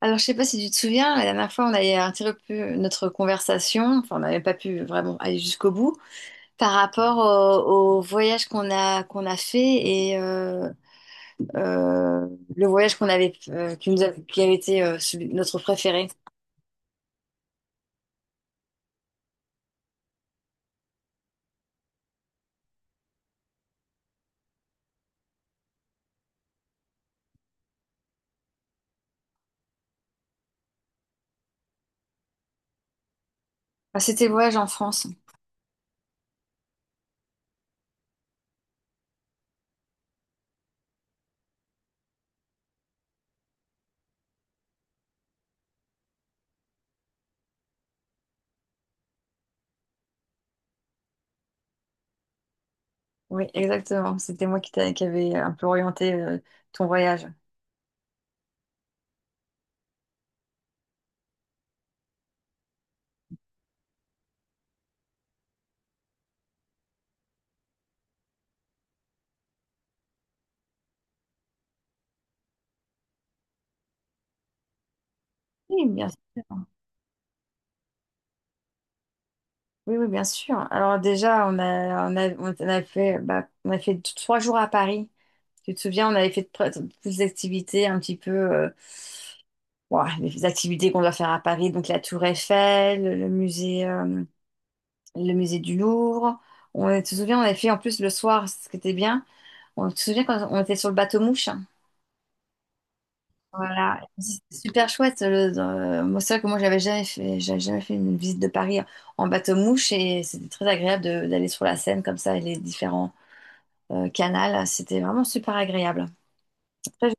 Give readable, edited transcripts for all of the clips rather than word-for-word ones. Alors, je sais pas si tu te souviens, la dernière fois, on avait interrompu notre conversation, enfin, on n'avait pas pu vraiment aller jusqu'au bout, par rapport au voyage qu'on a fait et euh, le voyage qu'on avait, qui avait été notre préféré. Ah, c'était le voyage en France. Oui, exactement. C'était moi qui avait un peu orienté ton voyage. Oui, bien sûr. Oui, oui, bien sûr. Alors déjà, on a fait, bah, on a fait trois jours à Paris. Tu te souviens, on avait fait toutes les activités un petit peu, ouah, les activités qu'on doit faire à Paris, donc la Tour Eiffel, le musée du Louvre. On, tu te souviens, on avait fait en plus le soir, ce qui était bien. On, tu te souviens quand on était sur le bateau mouche? Voilà, c'était super chouette. Le, moi, c'est vrai que moi, j'avais jamais fait une visite de Paris en bateau mouche et c'était très agréable d'aller sur la Seine comme ça et les différents Canal. C'était vraiment super agréable. Après, je-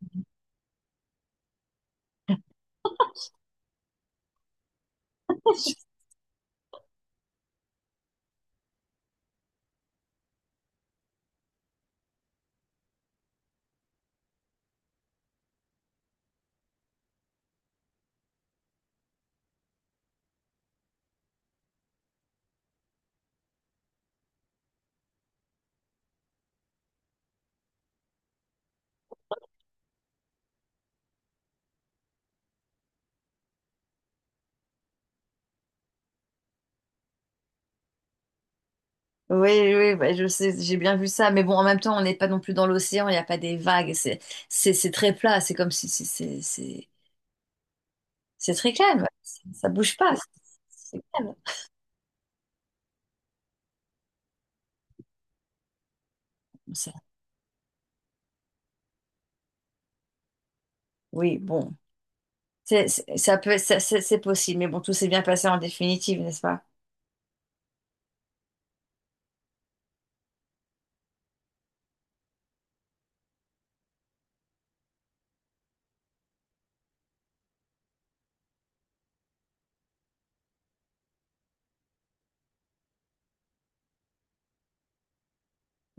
Oui, oui, ouais, je sais, j'ai bien vu ça. Mais bon, en même temps, on n'est pas non plus dans l'océan, il n'y a pas des vagues. C'est très plat. C'est comme c'est très calme. Ça bouge pas. C'est calme. Bon, ça- Oui, bon. C'est c'est possible. Mais bon, tout s'est bien passé en définitive, n'est-ce pas?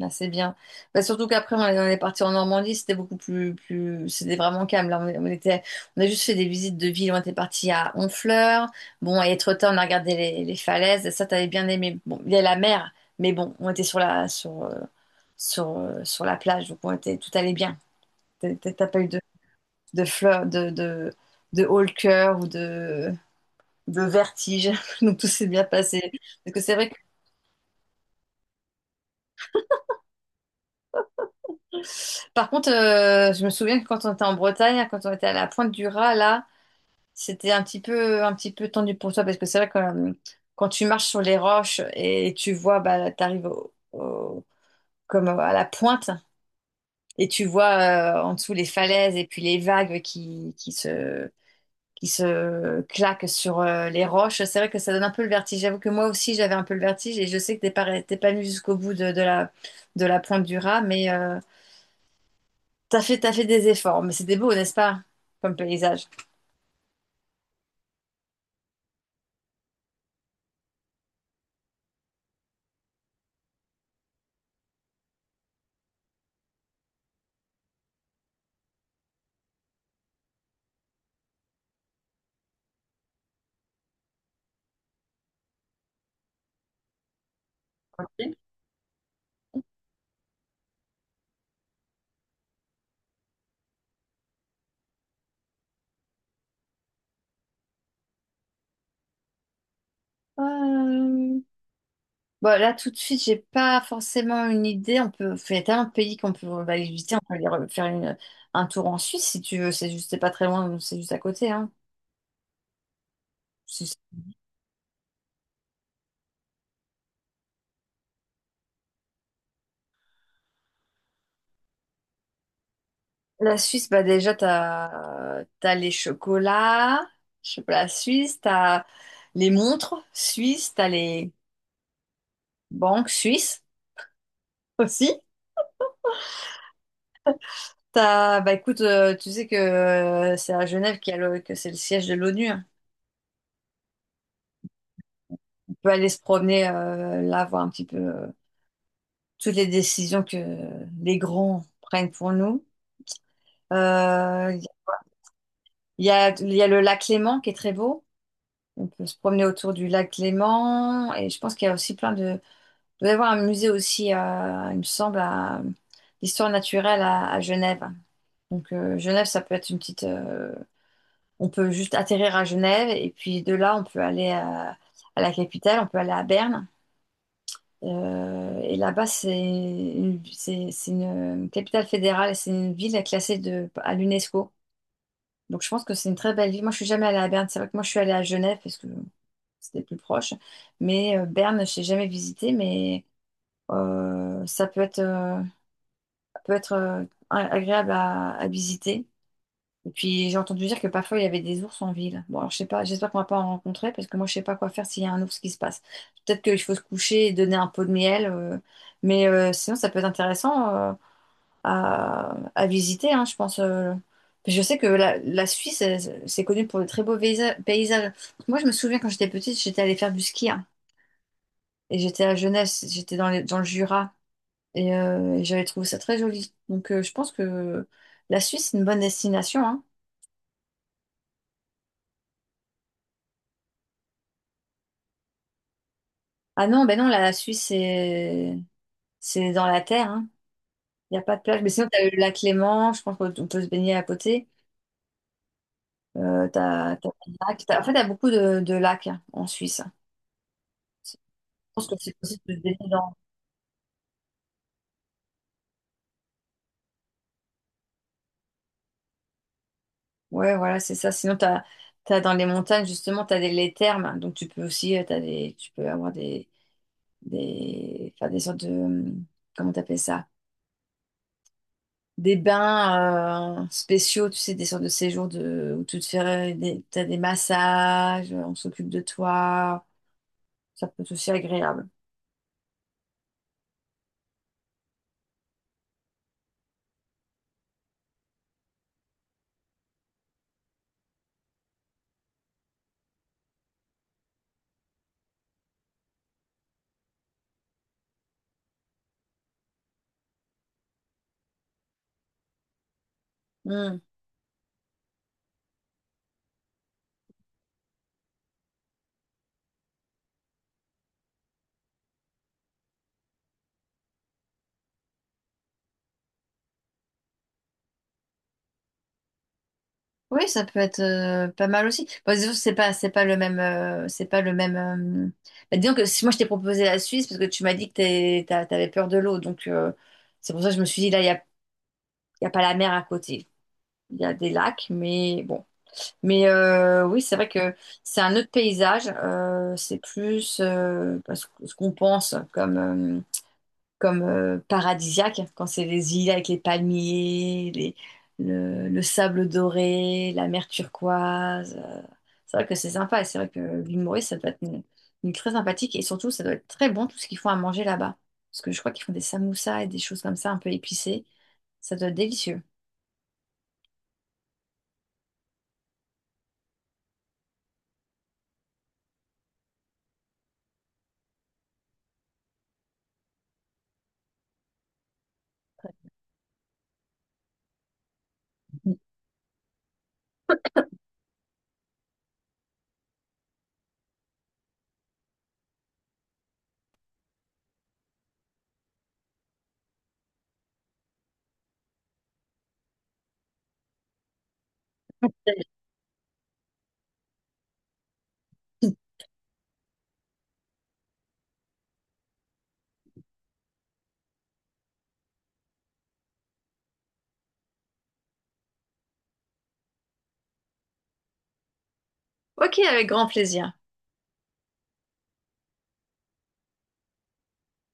Ah, c'est bien. Bah, surtout qu'après, on est parti en Normandie, c'était beaucoup c'était vraiment calme. Là, on était, on a juste fait des visites de ville. On était parti à Honfleur. Bon, à Étretat, on a regardé les falaises. Ça, t'avais bien aimé. Bon, il y a la mer, mais bon, on était sur la plage, donc on était, tout allait bien. T'as pas eu de fleurs, de haut le cœur ou de vertige. Donc tout s'est bien passé. Parce que c'est vrai que Par contre, je me souviens que quand on était en Bretagne, quand on était à la Pointe du Raz, là, c'était un petit peu tendu pour toi parce que c'est vrai que quand tu marches sur les roches et tu vois, bah, comme à la pointe et tu vois en dessous les falaises et puis les vagues qui se claquent sur les roches. C'est vrai que ça donne un peu le vertige. J'avoue que moi aussi, j'avais un peu le vertige et je sais que t'es pas venu jusqu'au bout de la Pointe du Raz, mais t'as fait des efforts, mais c'était beau, n'est-ce pas? Comme paysage. Euh, Bon, là, tout de suite, j'ai pas forcément une idée. On peut, il y a tellement de pays qu'on peut aller visiter. On peut aller faire un tour en Suisse si tu veux. C'est juste, c'est pas très loin, c'est juste à côté, hein. Si- La Suisse, bah déjà, t'as les chocolats, chocolat suisse, t'as les montres suisses, t'as les banques suisses aussi. T'as, bah écoute, tu sais que c'est à Genève qu'il y a le- que c'est le siège de l'ONU, hein. Peut aller se promener là, voir un petit peu toutes les décisions que les grands prennent pour nous. Euh, il y a le lac Léman qui est très beau. On peut se promener autour du lac Léman. Et je pense qu'il y a aussi plein de... Il doit y avoir un musée aussi, il me semble, d'histoire naturelle à Genève. Donc Genève, ça peut être une petite... On peut juste atterrir à Genève et puis de là, on peut aller à la capitale, on peut aller à Berne. Et là-bas, c'est une capitale fédérale, c'est une ville classée de, à l'UNESCO. Donc je pense que c'est une très belle ville. Moi, je suis jamais allée à Berne. C'est vrai que moi, je suis allée à Genève parce que c'était plus proche. Mais Berne, je n'ai jamais visité, mais ça peut être, peut être euh, agréable à visiter. Et puis j'ai entendu dire que parfois il y avait des ours en ville. Bon, alors je sais pas, j'espère qu'on va pas en rencontrer parce que moi je sais pas quoi faire s'il y a un ours qui se passe. Peut-être qu'il faut se coucher et donner un pot de miel, mais sinon ça peut être intéressant à visiter, hein, je pense. Je sais que la Suisse, elle, c'est connu pour de très beaux paysages. Moi je me souviens quand j'étais petite, j'étais allée faire du ski, hein, et j'étais à Genève, dans le Jura et, j'avais trouvé ça très joli. Donc je pense que la Suisse, c'est une bonne destination, hein. Ah non, ben non, la Suisse, c'est dans la terre, hein. Il n'y a pas de plage. Mais sinon, t'as le lac Léman, je pense qu'on peut se baigner à côté. T'as plein de lacs. En fait, t'as beaucoup de lacs, hein, en Suisse. Je pense que c'est possible de se baigner dans... Ouais, voilà, c'est ça. Sinon, t'as, t'as dans les montagnes, justement, les thermes, hein. Donc, tu peux aussi, tu peux avoir faire des sortes de... Comment t'appelles ça? Des bains spéciaux, tu sais, des sortes de séjours de, où tu te fais t'as des massages, on s'occupe de toi. Ça peut être aussi agréable. Hmm. Oui, ça peut être pas mal aussi. Bon, disons, que c'est pas le même, bah, disons que si moi je t'ai proposé la Suisse parce que tu m'as dit t'avais peur de l'eau, donc c'est pour ça que je me suis dit là, il y a pas la mer à côté. Il y a des lacs, mais bon. Mais oui, c'est vrai que c'est un autre paysage. C'est plus bah, ce qu'on pense comme, paradisiaque, quand c'est les îles avec les palmiers, le sable doré, la mer turquoise. C'est vrai que c'est sympa. Et c'est vrai que l'île Maurice, ça doit être une île très sympathique. Et surtout, ça doit être très bon tout ce qu'ils font à manger là-bas. Parce que je crois qu'ils font des samoussas et des choses comme ça un peu épicées. Ça doit être délicieux. Ok, avec grand plaisir.